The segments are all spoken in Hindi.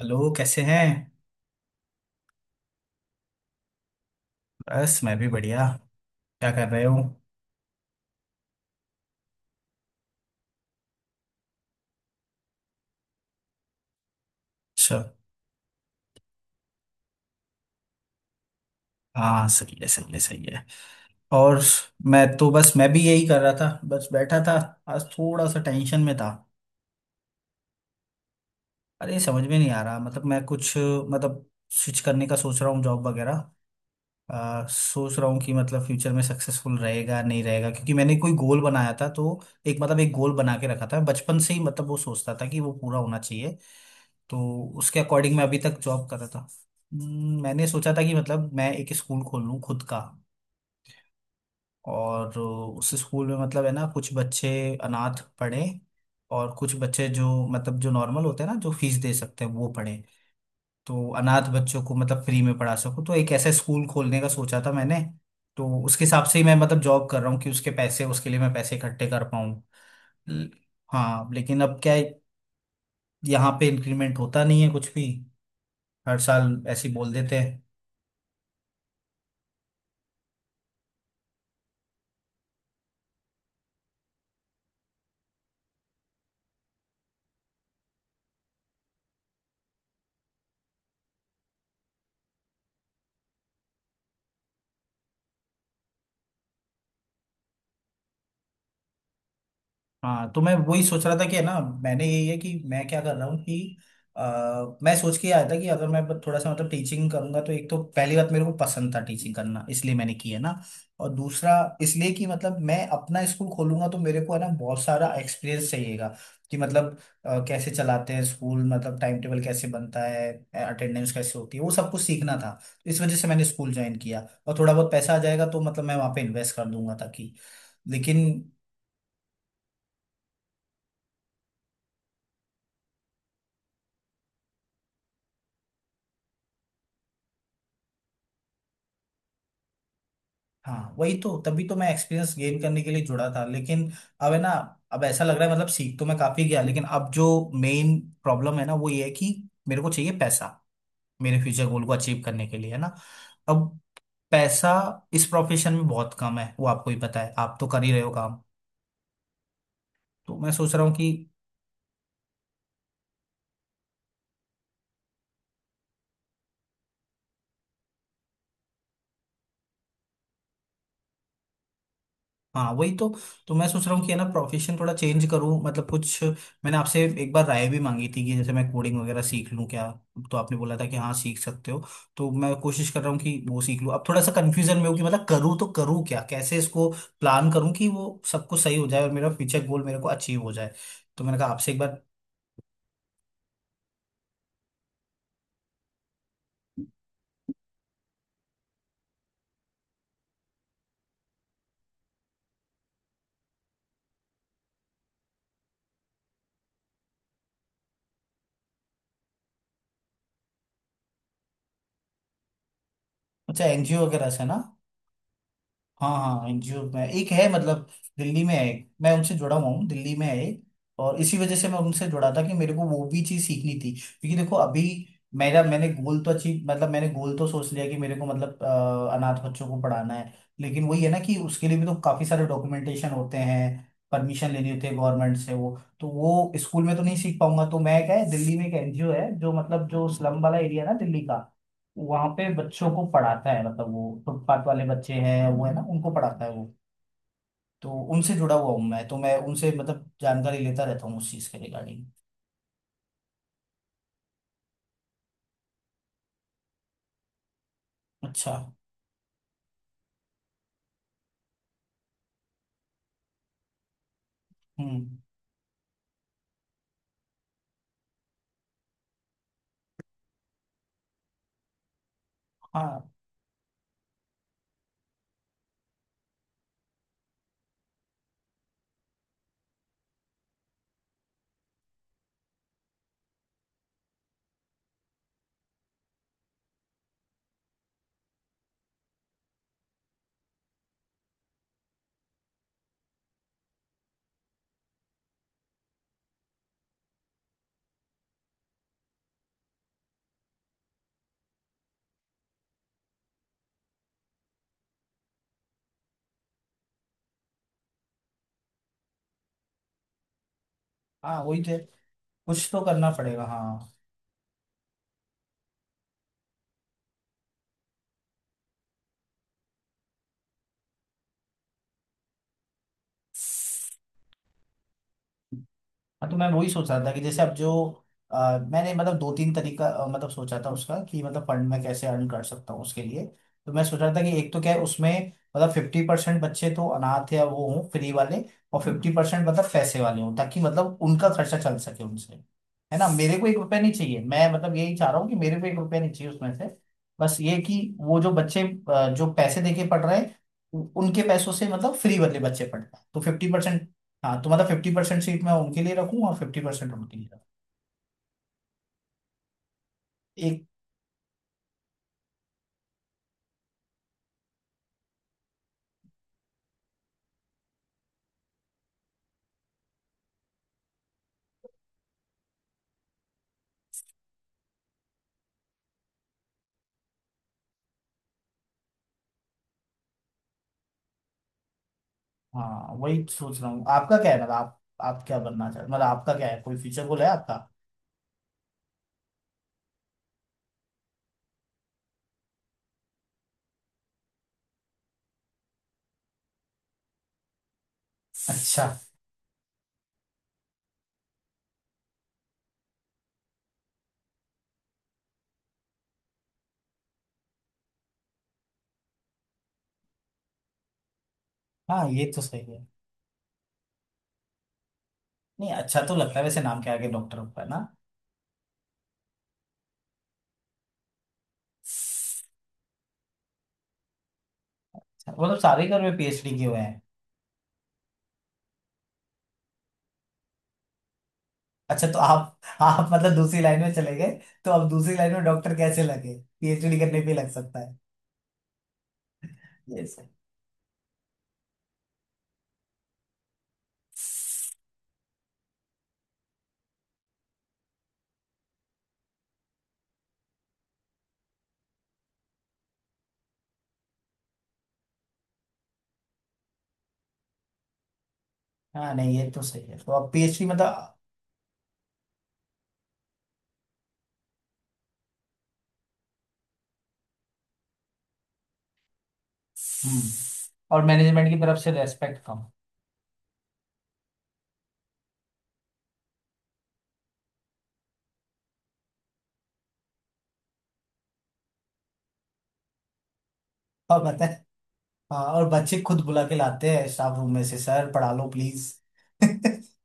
हेलो, कैसे हैं। बस मैं भी बढ़िया। क्या कर रहे हो। अच्छा। हाँ, सही है, सही है, सही है। और मैं तो बस मैं भी यही कर रहा था, बस बैठा था। आज थोड़ा सा टेंशन में था। अरे, समझ में नहीं आ रहा, मतलब मैं कुछ मतलब स्विच करने का सोच रहा हूँ जॉब वगैरह। सोच रहा हूँ कि मतलब फ्यूचर में सक्सेसफुल रहेगा नहीं रहेगा, क्योंकि मैंने कोई गोल बनाया था। तो एक गोल बना के रखा था बचपन से ही, मतलब वो सोचता था कि वो पूरा होना चाहिए। तो उसके अकॉर्डिंग मैं अभी तक जॉब कर रहा था। मैंने सोचा था कि मतलब मैं एक स्कूल खोल लूँ खुद का। और उस स्कूल में मतलब है ना कुछ बच्चे अनाथ पढ़े, और कुछ बच्चे जो नॉर्मल होते हैं ना, जो फीस दे सकते हैं, वो पढ़े। तो अनाथ बच्चों को मतलब फ्री में पढ़ा सकूँ, तो एक ऐसा स्कूल खोलने का सोचा था मैंने। तो उसके हिसाब से ही मैं मतलब जॉब कर रहा हूँ कि उसके लिए मैं पैसे इकट्ठे कर पाऊँ। ल- हाँ, लेकिन अब क्या है, यहाँ पे इंक्रीमेंट होता नहीं है कुछ भी। हर साल ऐसे ही बोल देते हैं। हाँ, तो मैं वही सोच रहा था कि है ना, मैंने यही है कि मैं क्या कर रहा हूँ कि अ, मैं सोच के आया था कि अगर मैं थोड़ा सा मतलब टीचिंग करूंगा, तो एक तो पहली बात मेरे को पसंद था टीचिंग करना, इसलिए मैंने की है ना। और दूसरा इसलिए कि मतलब मैं अपना स्कूल खोलूंगा तो मेरे को है ना बहुत सारा एक्सपीरियंस चाहिएगा कि मतलब कैसे चलाते हैं स्कूल, मतलब टाइम टेबल कैसे बनता है, अटेंडेंस कैसे होती है, वो सब कुछ सीखना था। तो इस वजह से मैंने स्कूल ज्वाइन किया और थोड़ा बहुत पैसा आ जाएगा तो मतलब मैं वहाँ पे इन्वेस्ट कर दूंगा ताकि। लेकिन हाँ, वही तो, तभी तो मैं एक्सपीरियंस गेन करने के लिए जुड़ा था, लेकिन अब है ना, अब ऐसा लग रहा है मतलब सीख तो मैं काफी गया, लेकिन अब जो मेन प्रॉब्लम है ना वो ये है कि मेरे को चाहिए पैसा, मेरे फ्यूचर गोल को अचीव करने के लिए है ना। अब पैसा इस प्रोफेशन में बहुत कम है, वो आपको ही पता है, आप तो कर ही रहे हो काम। तो मैं सोच रहा हूँ कि। हाँ, वही तो। तो मैं सोच रहा हूँ कि है ना प्रोफेशन थोड़ा चेंज करूँ, मतलब कुछ मैंने आपसे एक बार राय भी मांगी थी कि जैसे मैं कोडिंग वगैरह सीख लूँ क्या। तो आपने बोला था कि हाँ सीख सकते हो। तो मैं कोशिश कर रहा हूँ कि वो सीख लूँ। अब थोड़ा सा कन्फ्यूजन में हूँ कि मतलब करूँ तो करूँ क्या, कैसे इसको प्लान करूँ कि वो सब कुछ सही हो जाए और मेरा फ्यूचर गोल मेरे को अचीव हो जाए। तो मैंने कहा आपसे एक बार। अच्छा, एनजीओ वगैरह से ना। हाँ हाँ, एनजीओ में एक है, मतलब दिल्ली में है एक। मैं उनसे जुड़ा हुआ हूँ, दिल्ली में है एक। और इसी वजह से मैं उनसे जुड़ा था कि मेरे को वो भी चीज़ सीखनी थी क्योंकि देखो अभी मेरा मैंने गोल तो अचीव, मतलब मैंने गोल तो सोच लिया कि मेरे को मतलब अनाथ बच्चों को पढ़ाना है। लेकिन वही है ना कि उसके लिए भी तो काफ़ी सारे डॉक्यूमेंटेशन होते हैं, परमिशन लेनी होती है गवर्नमेंट से। वो तो वो स्कूल में तो नहीं सीख पाऊंगा। तो मैं, क्या है, दिल्ली में एक एनजीओ है जो स्लम वाला एरिया है ना दिल्ली का, वहां पे बच्चों को पढ़ाता है, मतलब वो फुटपाथ वाले बच्चे हैं वो है ना, उनको पढ़ाता है वो। तो उनसे जुड़ा हुआ हूँ मैं, तो मैं उनसे मतलब जानकारी लेता रहता हूँ उस चीज के रिगार्डिंग। अच्छा। हम्म। हाँ हाँ, वही तो है। कुछ तो करना पड़ेगा, हाँ। हाँ, तो मैं वही सोच रहा था कि जैसे अब जो मैंने मतलब दो तीन तरीका मतलब सोचा था उसका कि मतलब फंड मैं कैसे अर्न कर सकता हूँ उसके लिए। तो मैं सोच रहा था कि एक तो क्या है उसमें, मतलब 50% बच्चे तो अनाथ या वो हों फ्री वाले, और 50% मतलब पैसे वाले हों ताकि मतलब उनका खर्चा चल सके उनसे। है ना, मेरे को ₹1 नहीं चाहिए, मैं मतलब यही चाह रहा हूँ कि मेरे को ₹1 नहीं चाहिए उसमें से। बस ये कि वो जो बच्चे जो पैसे देके पढ़ रहे हैं, उनके पैसों से मतलब फ्री वाले बच्चे पढ़ रहे हैं तो 50%। हाँ, तो मतलब 50% सीट मैं उनके लिए रखूँ और 50% उनके लिए रखूँ। एक। हाँ, वही सोच रहा हूँ। आपका क्या है, मतलब आप क्या बनना चाहते, मतलब आपका क्या है, कोई फ्यूचर गोल है आपका। अच्छा। हाँ, ये तो सही है। नहीं, अच्छा तो लगता है वैसे, नाम के आगे डॉक्टर होगा ना। अच्छा, मतलब सारे घर में पीएचडी किए हुए हैं। अच्छा, तो आप मतलब दूसरी लाइन में चले गए। तो अब दूसरी लाइन में डॉक्टर कैसे लगे। पीएचडी करने पे लग सकता है। ये सही। हाँ, नहीं ये तो सही है, तो अब पीएचडी मतलब। हम्म। और मैनेजमेंट की तरफ से रेस्पेक्ट कम। और बताए। हाँ, और बच्चे खुद बुला के लाते हैं स्टाफ रूम में से, सर पढ़ा लो प्लीज।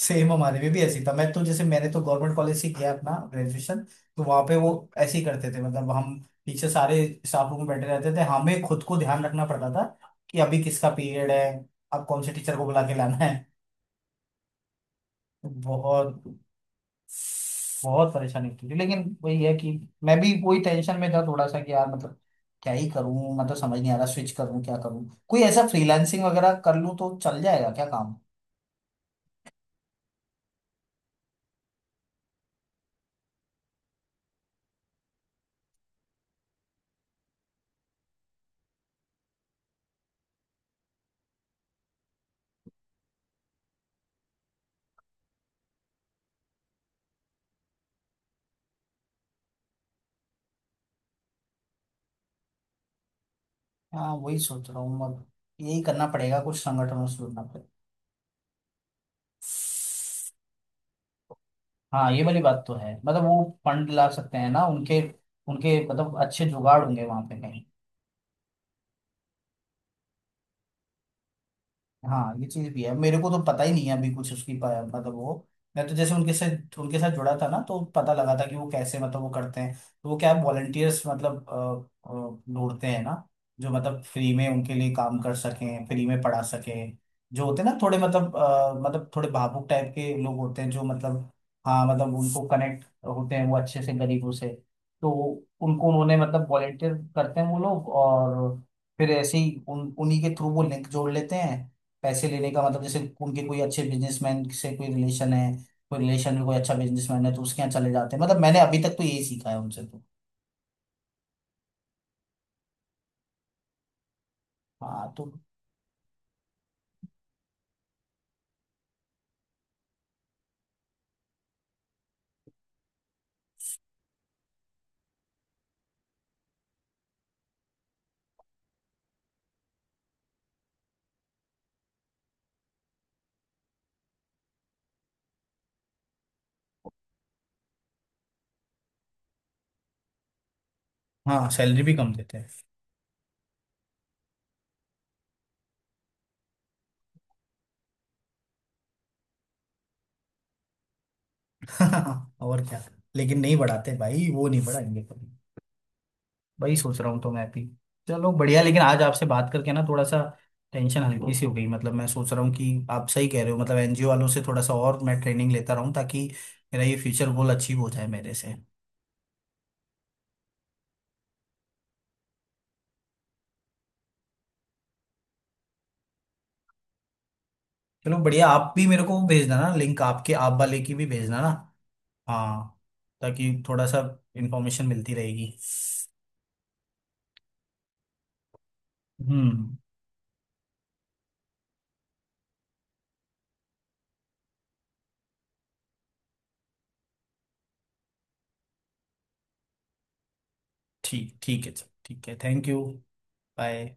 सेम हमारे में भी ऐसी था, मैं तो जैसे मैंने तो गवर्नमेंट कॉलेज से किया अपना ग्रेजुएशन, तो वहाँ पे वो ऐसे ही करते थे, मतलब हम पीछे सारे स्टाफ रूम में बैठे रहते थे, हमें खुद को ध्यान रखना पड़ता था कि अभी किसका पीरियड है, अब कौन से टीचर को बुला के लाना है। बहुत बहुत परेशानी होती थी, लेकिन वही है कि मैं भी वही टेंशन में था थोड़ा सा कि यार मतलब क्या ही करूं, मतलब समझ नहीं आ रहा, स्विच करूं क्या करूं, कोई ऐसा फ्रीलांसिंग वगैरह कर लूं तो चल जाएगा क्या काम। हाँ, वही सोच रहा हूँ अब, यही करना पड़ेगा, कुछ संगठनों से जुड़ना पड़ेगा। हाँ, ये वाली बात तो है, मतलब वो फंड ला सकते हैं ना, उनके उनके मतलब अच्छे जुगाड़ होंगे वहां पे कहीं। हाँ, ये चीज भी है, मेरे को तो पता ही नहीं है अभी कुछ उसकी मतलब वो, मैं तो जैसे उनके साथ जुड़ा था ना तो पता लगा था कि वो कैसे मतलब वो करते हैं। तो वो क्या वॉलंटियर्स मतलब ढूंढते हैं ना, जो मतलब फ्री में उनके लिए काम कर सकें, फ्री में पढ़ा सकें। जो होते हैं ना थोड़े मतलब मतलब थोड़े भावुक टाइप के लोग होते हैं जो मतलब, हाँ मतलब उनको कनेक्ट होते हैं वो अच्छे से गरीबों से। तो उनको उन्होंने मतलब वॉलंटियर करते हैं वो लोग, और फिर ऐसे ही उन उन्हीं के थ्रू वो लिंक जोड़ लेते हैं। पैसे लेने का, मतलब जैसे उनके कोई अच्छे बिजनेसमैन से कोई रिलेशन है, कोई रिलेशन में कोई अच्छा बिजनेसमैन है तो उसके यहाँ चले जाते हैं, मतलब मैंने अभी तक तो यही सीखा है उनसे। तो, हाँ तो। हाँ, सैलरी भी कम देते हैं। और क्या। लेकिन नहीं बढ़ाते भाई, वो नहीं बढ़ाएंगे कभी। वही सोच रहा हूँ तो मैं भी। चलो बढ़िया, लेकिन आज आपसे बात करके ना थोड़ा सा टेंशन हल्की सी हो गई, मतलब मैं सोच रहा हूँ कि आप सही कह रहे हो, मतलब एनजीओ वालों से थोड़ा सा और मैं ट्रेनिंग लेता रहूँ ताकि मेरा ये फ्यूचर गोल अचीव हो जाए मेरे से। चलो बढ़िया, आप भी मेरे को वो भेज देना, लिंक आपके आप वाले की भी भेजना ना। हाँ, ताकि थोड़ा सा इंफॉर्मेशन मिलती रहेगी। हम्म। ठीक ठीक है, चल ठीक है, थैंक यू। बाय।